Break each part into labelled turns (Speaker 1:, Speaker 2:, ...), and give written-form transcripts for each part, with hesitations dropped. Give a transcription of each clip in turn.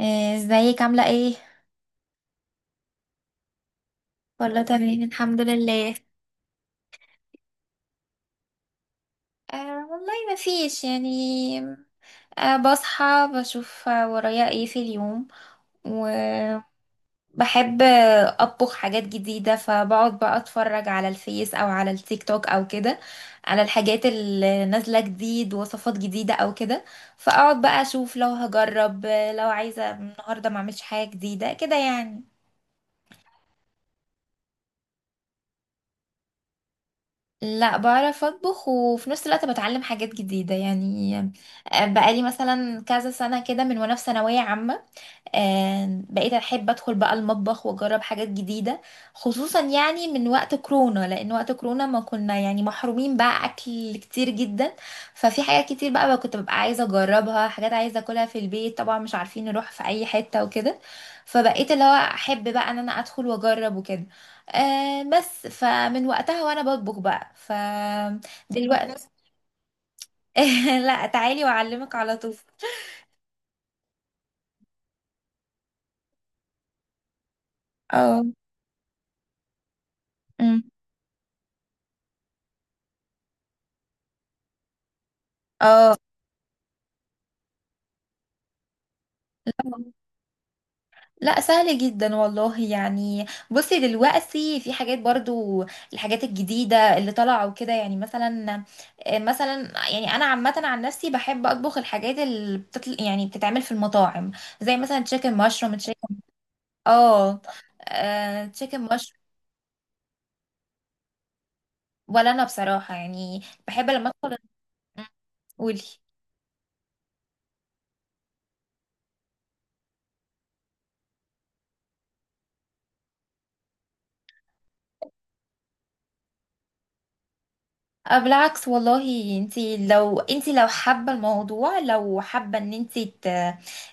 Speaker 1: آه، ازيك عاملة ايه؟ كله تمام، الحمد لله. آه والله ما فيش يعني. آه بصحى، بشوف ورايا ايه في اليوم، وبحب اطبخ حاجات جديدة. فبقعد بقى اتفرج على الفيس او على التيك توك او كده، على الحاجات اللي نازلة جديد، وصفات جديدة او كده. فاقعد بقى اشوف لو هجرب، لو عايزة النهاردة ما اعملش حاجة جديدة كده يعني. لا بعرف اطبخ، وفي نفس الوقت بتعلم حاجات جديدة يعني. آه، بقالي مثلا كذا سنة كده من وانا في ثانوية عامة، آه، بقيت احب ادخل بقى المطبخ واجرب حاجات جديده. خصوصا يعني من وقت كورونا، لان وقت كورونا ما كنا يعني محرومين بقى، اكل كتير جدا ففي حاجات كتير بقى كنت ببقى عايزه اجربها، حاجات عايزه اكلها في البيت طبعا، مش عارفين نروح في اي حته وكده. فبقيت اللي هو احب بقى ان انا ادخل واجرب وكده. آه بس، فمن وقتها وانا بطبخ بقى ف دلوقتي. لا تعالي واعلمك على طول. اه. أمم. اه. لا، سهل جدا والله يعني. بصي دلوقتي في حاجات برضو، الحاجات الجديدة اللي طالعة وكده. يعني مثلا، مثلا، يعني انا عامة عن نفسي بحب اطبخ الحاجات اللي بتطل، يعني بتتعمل في المطاعم، زي مثلا تشيكن مشروم، تشيكن. اه. تشيكن مشروم. ولا انا بصراحة يعني بحب لما ادخل. قولي. أه، بالعكس والله. انتي لو انتي لو حابة الموضوع، لو حابة ان انتي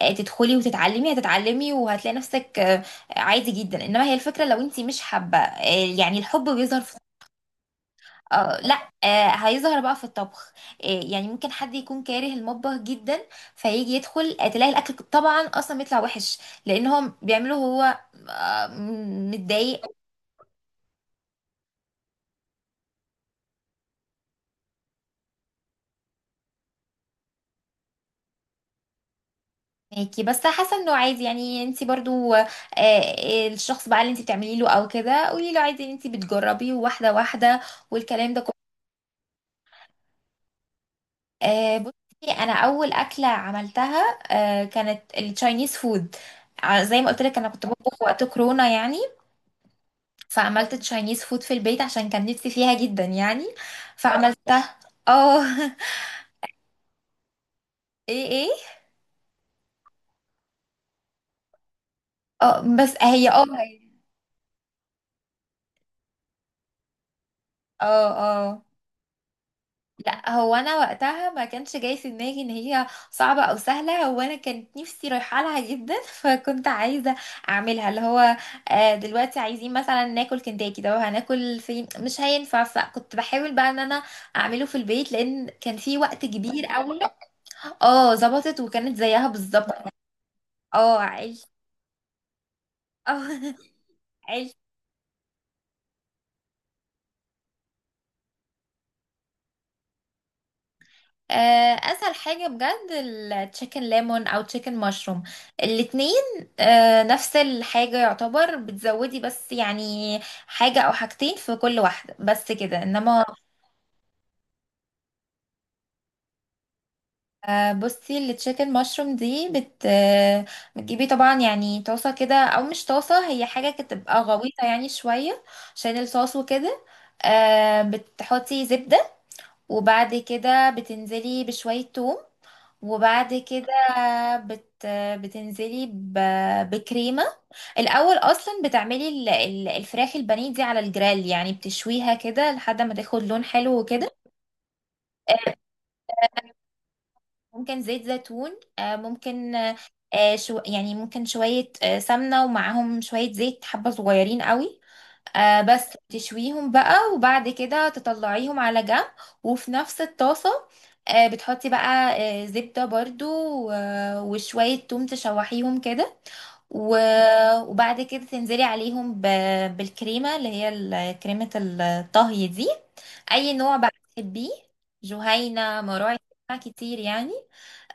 Speaker 1: تدخلي وتتعلمي، هتتعلمي وهتلاقي نفسك عادي جدا. انما هي الفكرة، لو انتي مش حابة، يعني الحب بيظهر في. لا، هيظهر بقى في الطبخ. آه، يعني ممكن حد يكون كاره المطبخ جدا، فيجي يدخل، تلاقي الاكل طبعا اصلا بيطلع وحش، لان هو بيعمله هو، متضايق. ماكي، بس حاسه انه عادي يعني. انت برضو، الشخص بقى اللي انت بتعملي له او كده، قولي له عادي ان انت بتجربي واحده واحده والكلام ده كله. آه، بصي. انا اول اكله عملتها كانت التشاينيز فود. زي ما قلت لك، انا كنت بطبخ وقت كورونا يعني. فعملت تشاينيز فود في البيت عشان كان نفسي فيها جدا يعني. فعملتها. اه. ايه، ايه. اه بس هي اه. اه. لا، هو انا وقتها ما كانش جاي في دماغي ان هي صعبه او سهله. هو انا كانت نفسي رايحه لها جدا. فكنت عايزه اعملها، اللي هو دلوقتي عايزين مثلا ناكل كنتاكي، ده هناكل فين؟ مش هينفع. فكنت بحاول بقى ان انا اعمله في البيت، لان كان في وقت كبير قوي. اه، ظبطت، وكانت زيها بالظبط. اه، عيش. اه. عيش. آه، اسهل حاجه بجد التشيكن ليمون او تشيكن مشروم، الاتنين. آه، نفس الحاجه يعتبر، بتزودي بس يعني حاجه او حاجتين في كل واحده بس كده، انما. بصي التشيكن مشروم دي بت آه، بتجيبي طبعا يعني طاسه كده، او مش طاسه، هي حاجه كده تبقى غويطه يعني شويه عشان الصوص وكده. آه، بتحطي زبده، وبعد كده بتنزلي بشوية توم، وبعد كده بت بتنزلي ب... بكريمة. الأول أصلا بتعملي الفراخ البانيه دي على الجريل، يعني بتشويها كده لحد ما تاخد لون حلو وكده. ممكن زيت زيتون، ممكن شو يعني ممكن شوية سمنة، ومعاهم شوية زيت، حبة صغيرين قوي. آه بس، تشويهم بقى وبعد كده تطلعيهم على جنب. وفي نفس الطاسة آه بتحطي بقى آه زبدة برضو، وشوية توم تشوحيهم كده، وبعد كده تنزلي عليهم بالكريمة، اللي هي كريمة الطهي دي. أي نوع بقى تحبيه، جهينة، مراعي، أنواع كتير يعني.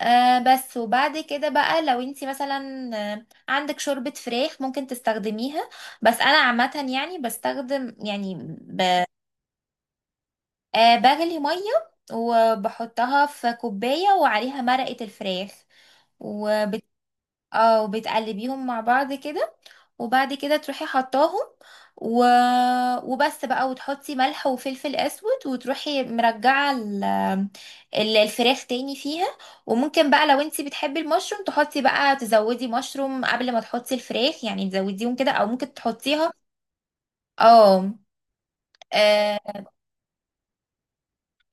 Speaker 1: آه بس. وبعد كده بقى لو انتي مثلا عندك شوربة فراخ ممكن تستخدميها. بس أنا عامة يعني بستخدم يعني، ب- آه، بغلي مية وبحطها في كوباية وعليها مرقة الفراخ. اه، وبتقلبيهم مع بعض كده، وبعد كده تروحي حطاهم، و... وبس بقى. وتحطي ملح وفلفل اسود، وتروحي مرجعه ال... الفراخ تاني فيها. وممكن بقى لو انتي بتحبي المشروم تحطي بقى، تزودي مشروم قبل ما تحطي الفراخ يعني، تزوديهم كده، او ممكن تحطيها. اه. آه،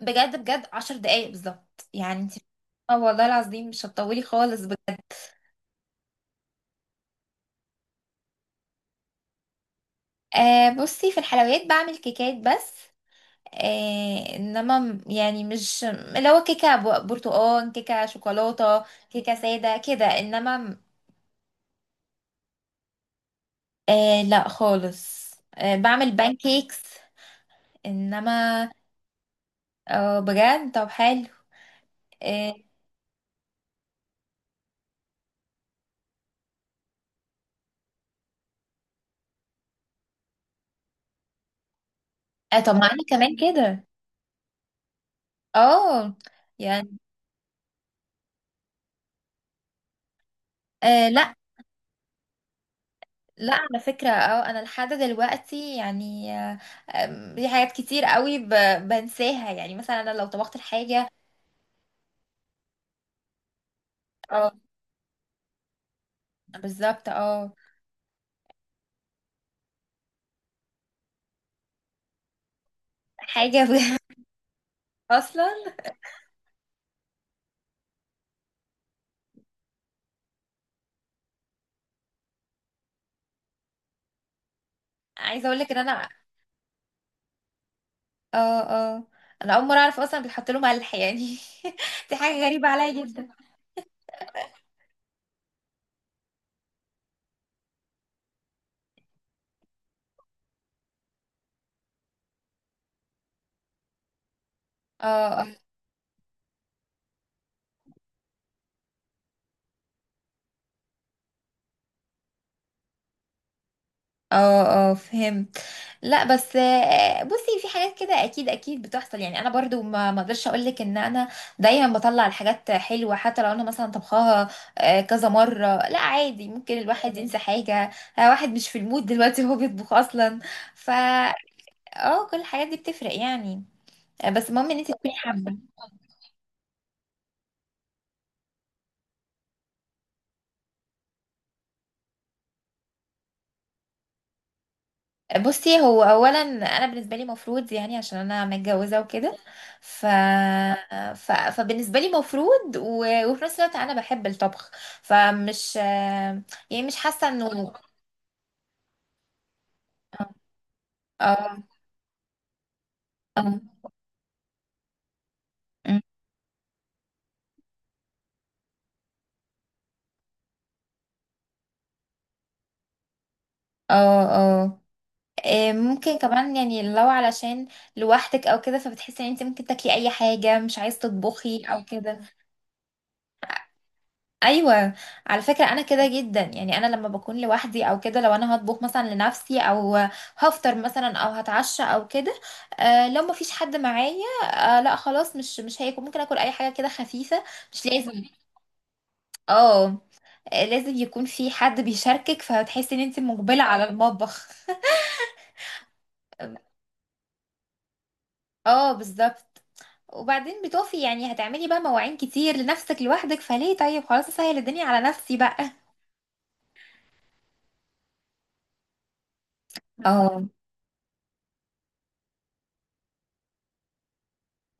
Speaker 1: بجد بجد عشر دقايق بالظبط يعني انتي. اه والله العظيم، مش هتطولي خالص بجد. آه، بصي في الحلويات بعمل كيكات بس. إيه انما م- يعني مش اللي هو كيكه برتقال، كيكه شوكولاته، كيكه ساده كده، انما م-. إيه لا خالص. إيه بعمل بانكيكس، انما. اه بجد، طب حلو. إيه. آه، طب ما انا كمان كده. اه. يعني آه لا، لا على فكرة، اه، انا لحد دلوقتي يعني آه، آم، في حاجات كتير قوي بنساها. يعني مثلا انا لو طبخت الحاجة. اه بالظبط، اه. حاجة. بجد اصلا عايزه اقول لك ان انا. اه، اه. انا اول مره اعرف اصلا بيتحط لهم ملح يعني. دي حاجه غريبه عليا جدا. اه. اه. اه. آه. فهمت. لا بس بصي في حاجات كده اكيد اكيد بتحصل يعني. انا برضو ما اقدرش اقول لك ان انا دايما بطلع الحاجات حلوه، حتى لو انا مثلا طبخاها كذا مره. لا عادي، ممكن الواحد ينسى حاجه، واحد مش في المود دلوقتي وهو بيطبخ اصلا. فا. اه، كل الحاجات دي بتفرق يعني. آه، بس المهم ان انت تكوني حابه. بصي، هو اولا انا بالنسبه لي مفروض، يعني عشان انا متجوزه وكده ف... ف... فبالنسبه لي مفروض، و... وفي نفس الوقت انا بحب الطبخ. فمش يعني مش حاسه انه. اه. اه. أمم. اه. اه. إيه، ممكن كمان يعني، لو علشان لوحدك او كده، فبتحسي ان انت ممكن تاكلي اي حاجه، مش عايز تطبخي او كده. ايوه. على فكره انا كده جدا، يعني انا لما بكون لوحدي او كده، لو انا هطبخ مثلا لنفسي، او هفطر مثلا، او هتعشى او كده، لو ما فيش حد معايا، آه لا خلاص، مش هيكون، ممكن اكل اي حاجه كده خفيفه، مش لازم. اه. آه، لازم يكون في حد بيشاركك، فهتحسي ان انت مقبله على المطبخ. اه بالظبط. وبعدين بتقفي يعني، هتعملي بقى مواعين كتير لنفسك لوحدك، فليه؟ طيب خلاص، اسهل الدنيا على نفسي بقى. اه.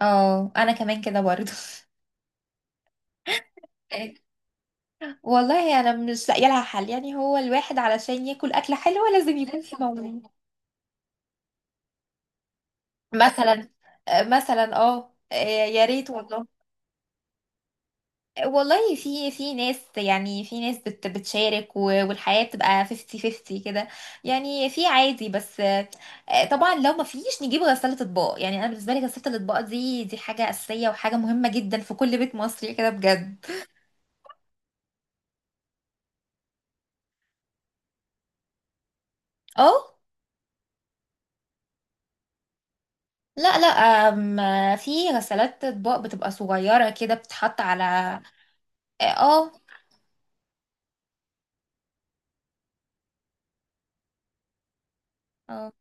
Speaker 1: اه انا كمان كده برضو. والله انا مش لاقيه لها حل يعني. هو الواحد علشان ياكل اكله حلوه، لازم يكون في موضوع. مثلا، مثلا، اه، يا ريت والله. والله في ناس، يعني في ناس بتشارك، والحياة بتبقى 50 50 كده يعني. في عادي، بس طبعا لو ما فيش نجيب غسالة اطباق يعني. انا بالنسبة لي غسالة الاطباق دي، حاجة أساسية وحاجة مهمة جدا في كل بيت مصري كده بجد. اه. لا لا. أم، في غسالات اطباق بتبقى صغيرة كده بتتحط على. اه. اه،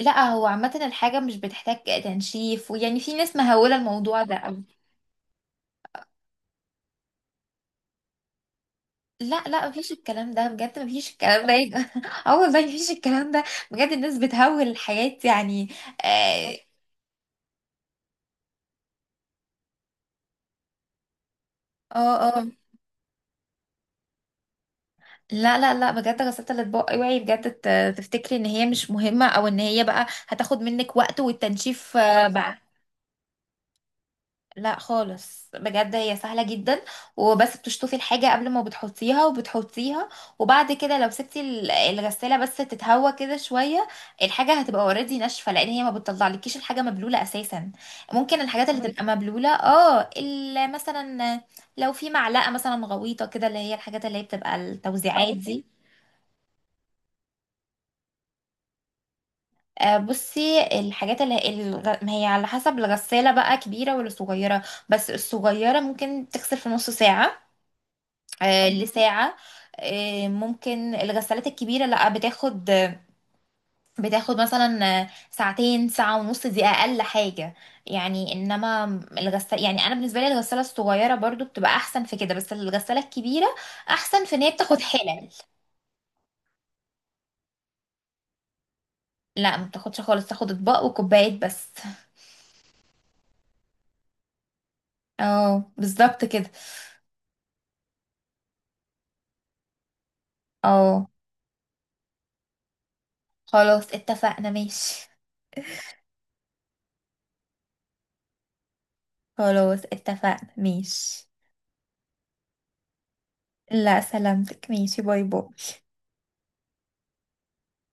Speaker 1: لا هو عامة الحاجة مش بتحتاج تنشيف، ويعني في ناس مهولة الموضوع ده أوي. لا لا، مفيش الكلام ده بجد، مفيش الكلام ده يبقى. اه والله مفيش الكلام ده. بجد الناس بتهول الحياة يعني. اه. اه. آه. لا لا لا بجد، غسالة الأطباق اوعي بجد تفتكري ان هي مش مهمة، او ان هي بقى هتاخد منك وقت والتنشيف بقى. لا خالص بجد، هي سهلة جدا. وبس بتشطفي الحاجة قبل ما بتحطيها وبتحطيها، وبعد كده لو سبتي الغسالة بس تتهوى كده شوية، الحاجة هتبقى اوريدي ناشفة، لان هي ما بتطلعلكيش الحاجة مبلولة اساسا. ممكن الحاجات اللي تبقى مبلولة، اه، مثلا لو في معلقة مثلا غويطة كده، اللي هي الحاجات اللي هي بتبقى التوزيعات أو دي. آه، بصي الحاجات اللي ما هي على حسب الغسالة بقى كبيرة ولا صغيرة. بس الصغيرة ممكن تغسل في نص ساعة، لساعة. ممكن الغسالات الكبيرة لا، بتاخد مثلا ساعتين، ساعة ونص، دي أقل حاجة يعني، إنما. الغسالة، يعني أنا بالنسبة لي الغسالة الصغيرة برضو بتبقى أحسن في كده، بس الغسالة الكبيرة أحسن في إن هي بتاخد حلل. لا، ما بتاخدش خالص، تاخد أطباق وكوبايات بس. اه بالظبط كده. اه. خلاص اتفقنا، ماشي. خلاص اتفقنا، ماشي. لا سلامتك، ماشي، باي باي.